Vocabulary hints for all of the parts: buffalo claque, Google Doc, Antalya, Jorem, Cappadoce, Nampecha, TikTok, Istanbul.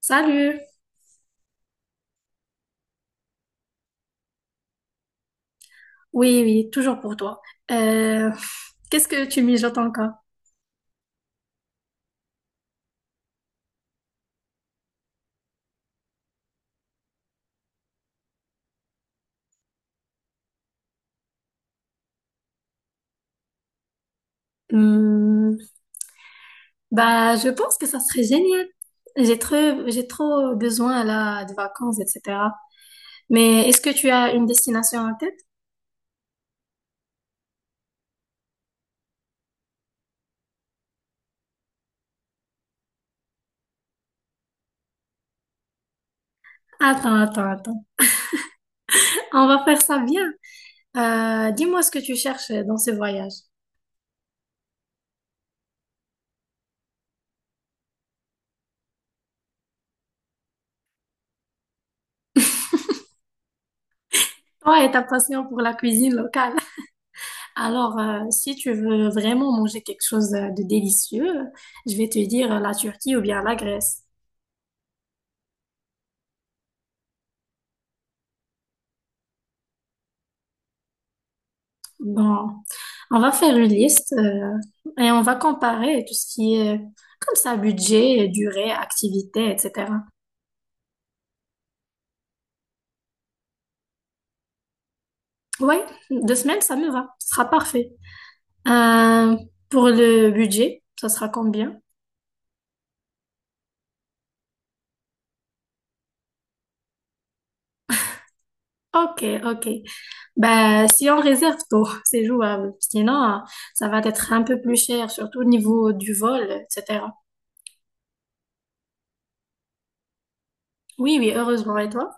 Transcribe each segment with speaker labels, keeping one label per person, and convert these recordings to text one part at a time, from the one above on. Speaker 1: Salut! Oui, oui, toujours pour toi. Euh, Qu'est-ce que tu mijotes encore? Hmm, bah, je pense que ça serait génial. J'ai trop, j'ai trop besoin là de vacances, etc. Mais est-ce que tu as une destination en tête? Attends. On va faire ça bien. Dis-moi ce que tu cherches dans ce voyage. Toi et ta passion pour la cuisine locale. Alors, si tu veux vraiment manger quelque chose de délicieux, je vais te dire la Turquie ou bien la Grèce. Bon, on va faire une liste et on va comparer tout ce qui est comme ça, budget, durée, activité, etc. Oui, deux semaines, ça me va. Ce sera parfait. Euh, pour le budget, ça sera combien? Ok, ok. Bah, si on réserve tôt, c'est jouable. Sinon, ça va être un peu plus cher, surtout au niveau du vol, etc. Oui, oui, heureusement. Et toi?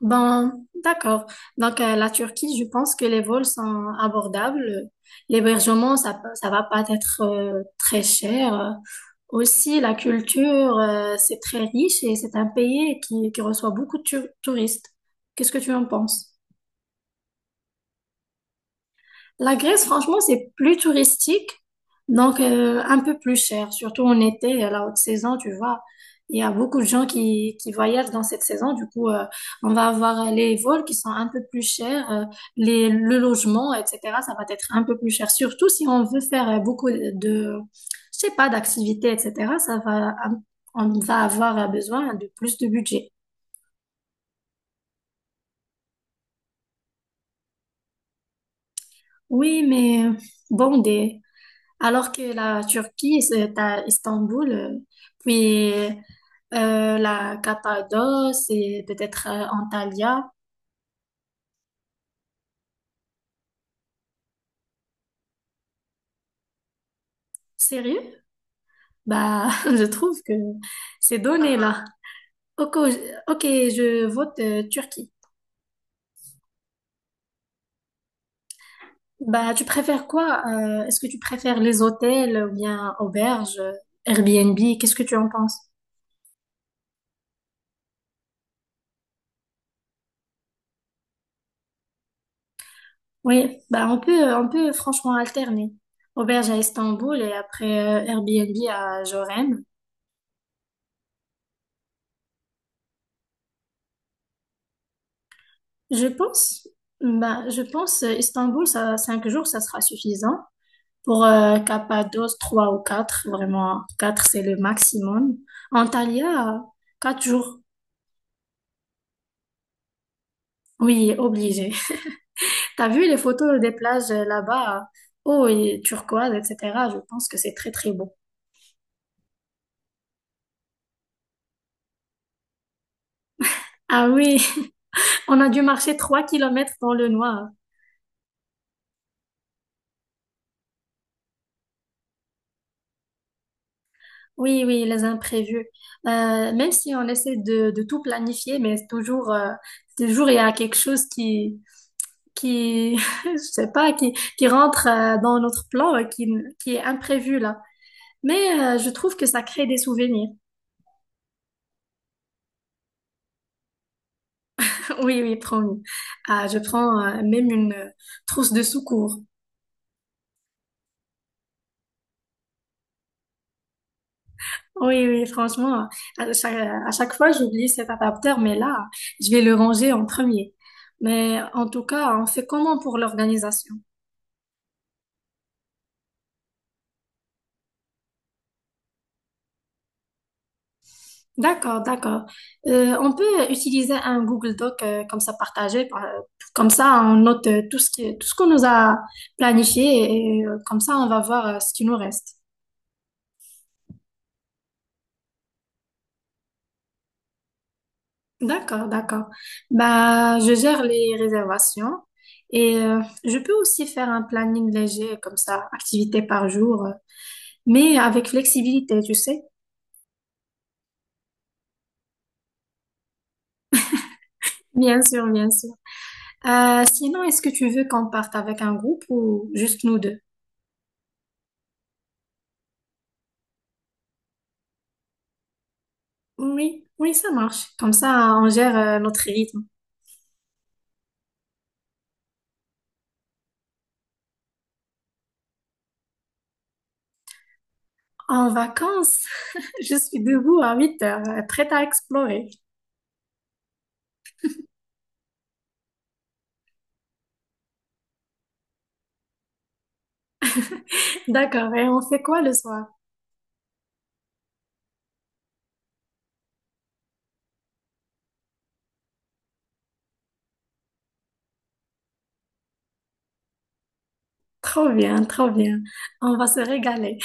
Speaker 1: Ben, d'accord. Donc, la Turquie, je pense que les vols sont abordables. L'hébergement, ça, ça va pas être très cher. Aussi, la culture, c'est très riche et c'est un pays qui reçoit beaucoup de touristes. Qu'est-ce que tu en penses? La Grèce, franchement, c'est plus touristique, donc un peu plus cher, surtout en été, à la haute saison, tu vois. Il y a beaucoup de gens qui voyagent dans cette saison, du coup, on va avoir les vols qui sont un peu plus chers, le logement, etc., ça va être un peu plus cher. Surtout si on veut faire je sais pas, d'activités, etc., on va avoir besoin de plus de budget. Oui, mais bon, des, alors que la Turquie, c'est à Istanbul, puis la Cappadoce et peut-être Antalya. Sérieux? Bah, je trouve que ces données-là. Ok, je ok, je vote Turquie. Bah, tu préfères quoi? Est-ce que tu préfères les hôtels ou bien auberges, Airbnb? Qu'est-ce que tu en penses? Oui, bah on peut franchement alterner. Auberge à Istanbul et après Airbnb à Jorem. Je pense, je pense Istanbul, ça, 5 jours, ça sera suffisant. Pour Cappadoce, trois ou quatre, vraiment, quatre, c'est le maximum. Antalya, 4 jours. Oui, obligé. T'as vu les photos des plages là-bas, eau et turquoise, etc. Je pense que c'est très, très beau. Ah oui, on a dû marcher 3 kilomètres dans le noir. Oui, oui, les imprévus. Même si on essaie de tout planifier, mais toujours, toujours il y a quelque chose qui, je sais pas, qui rentre dans notre plan, qui est imprévu là. Mais je trouve que ça crée des souvenirs. Oui, oui, promis. Ah, je prends même une trousse de secours. Oui, oui, franchement, à chaque fois, j'oublie cet adaptateur, mais là, je vais le ranger en premier. Mais en tout cas, on fait comment pour l'organisation? D'accord, d'accord. On peut utiliser un Google Doc comme ça partagé, comme ça on note tout ce qu'on nous a planifié et comme ça on va voir ce qui nous reste. D'accord, d'accord. Bah, je gère les réservations et je peux aussi faire un planning léger comme ça, activité par jour, mais avec flexibilité, tu sais. Bien sûr, bien sûr. Sinon, est-ce que tu veux qu'on parte avec un groupe ou juste nous deux? Oui, oui, ça marche. Comme ça, on gère notre rythme. En vacances, je suis debout à 8 heures, prête à explorer. D'accord, et on fait quoi le soir? Trop bien, trop bien. On va se régaler.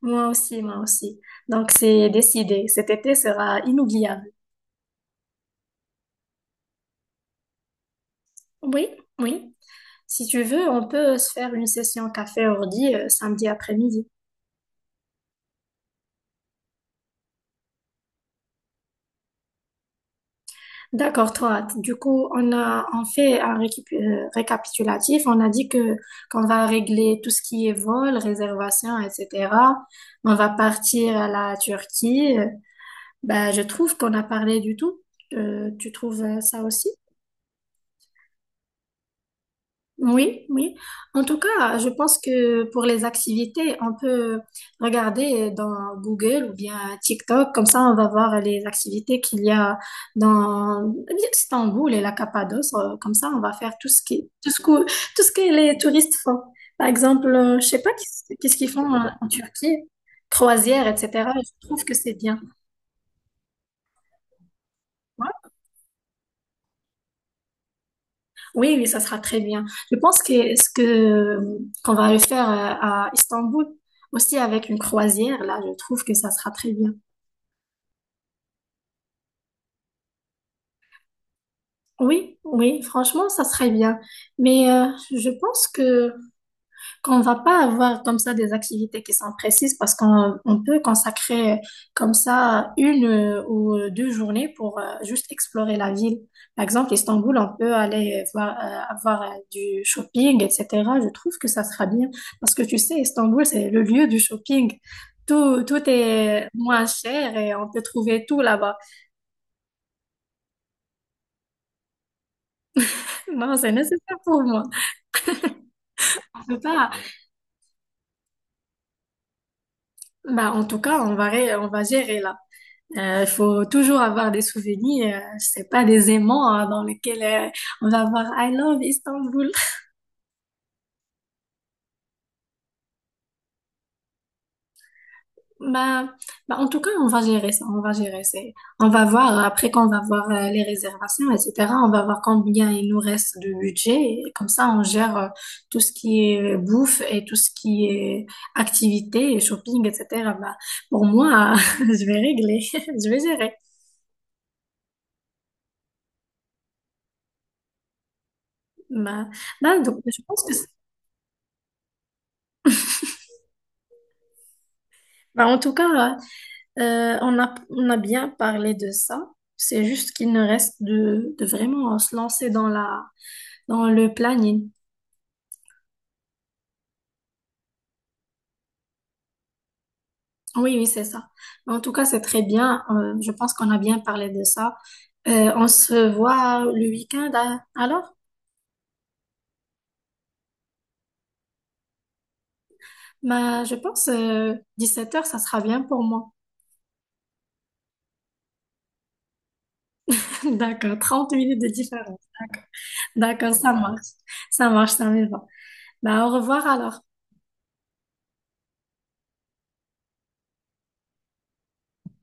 Speaker 1: Moi aussi, moi aussi. Donc, c'est décidé. Cet été sera inoubliable. Oui, oui. Si tu veux, on peut se faire une session café ordi samedi après-midi. D'accord, toi. Du coup, on fait un récapitulatif. On a dit que qu'on va régler tout ce qui est vol, réservation, etc. On va partir à la Turquie. Ben, je trouve qu'on a parlé du tout. Tu trouves ça aussi? Oui, oui. En tout cas, je pense que pour les activités, on peut regarder dans Google ou bien TikTok. Comme ça, on va voir les activités qu'il y a dans Istanbul et la Cappadoce. Comme ça, on va faire tout ce que les touristes font. Par exemple, je sais pas qu'est-ce qu'ils font en Turquie, croisière, etc. Je trouve que c'est bien. Oui, oui, ça sera très bien. Je pense que ce que qu'on va le faire à Istanbul aussi avec une croisière, là, je trouve que ça sera très bien. Oui, oui, franchement, ça serait bien. Mais je pense que qu'on va pas avoir comme ça des activités qui sont précises parce qu'on on peut consacrer comme ça une ou deux journées pour juste explorer la ville. Par exemple, Istanbul, on peut aller avoir du shopping, etc. Je trouve que ça sera bien parce que tu sais, Istanbul, c'est le lieu du shopping. Tout est moins cher et on peut trouver tout là-bas. Non, c'est nécessaire pour moi. On peut pas. Bah, en tout cas, on va gérer là. Il faut toujours avoir des souvenirs, c'est pas des aimants hein, dans lesquels on va avoir I love Istanbul. Bah, bah, en tout cas, on va gérer ça, on va gérer ça. On va voir, après qu'on va voir les réservations, etc., on va voir combien il nous reste de budget. Et comme ça, on gère tout ce qui est bouffe et tout ce qui est activité et shopping, etc. Bah, pour moi, je vais régler, je vais gérer. Bah, bah, donc, je pense que en tout cas, on a bien parlé de ça. C'est juste qu'il ne reste de vraiment se lancer dans dans le planning. Oui, oui, c'est ça. En tout cas, c'est très bien. Je pense qu'on a bien parlé de ça. On se voit le week-end hein, alors? Bah, je pense 17h, ça sera bien pour moi. D'accord, 30 minutes de différence. D'accord, d'accord, ça marche. Ça marche, ça me va. Bah, au revoir alors.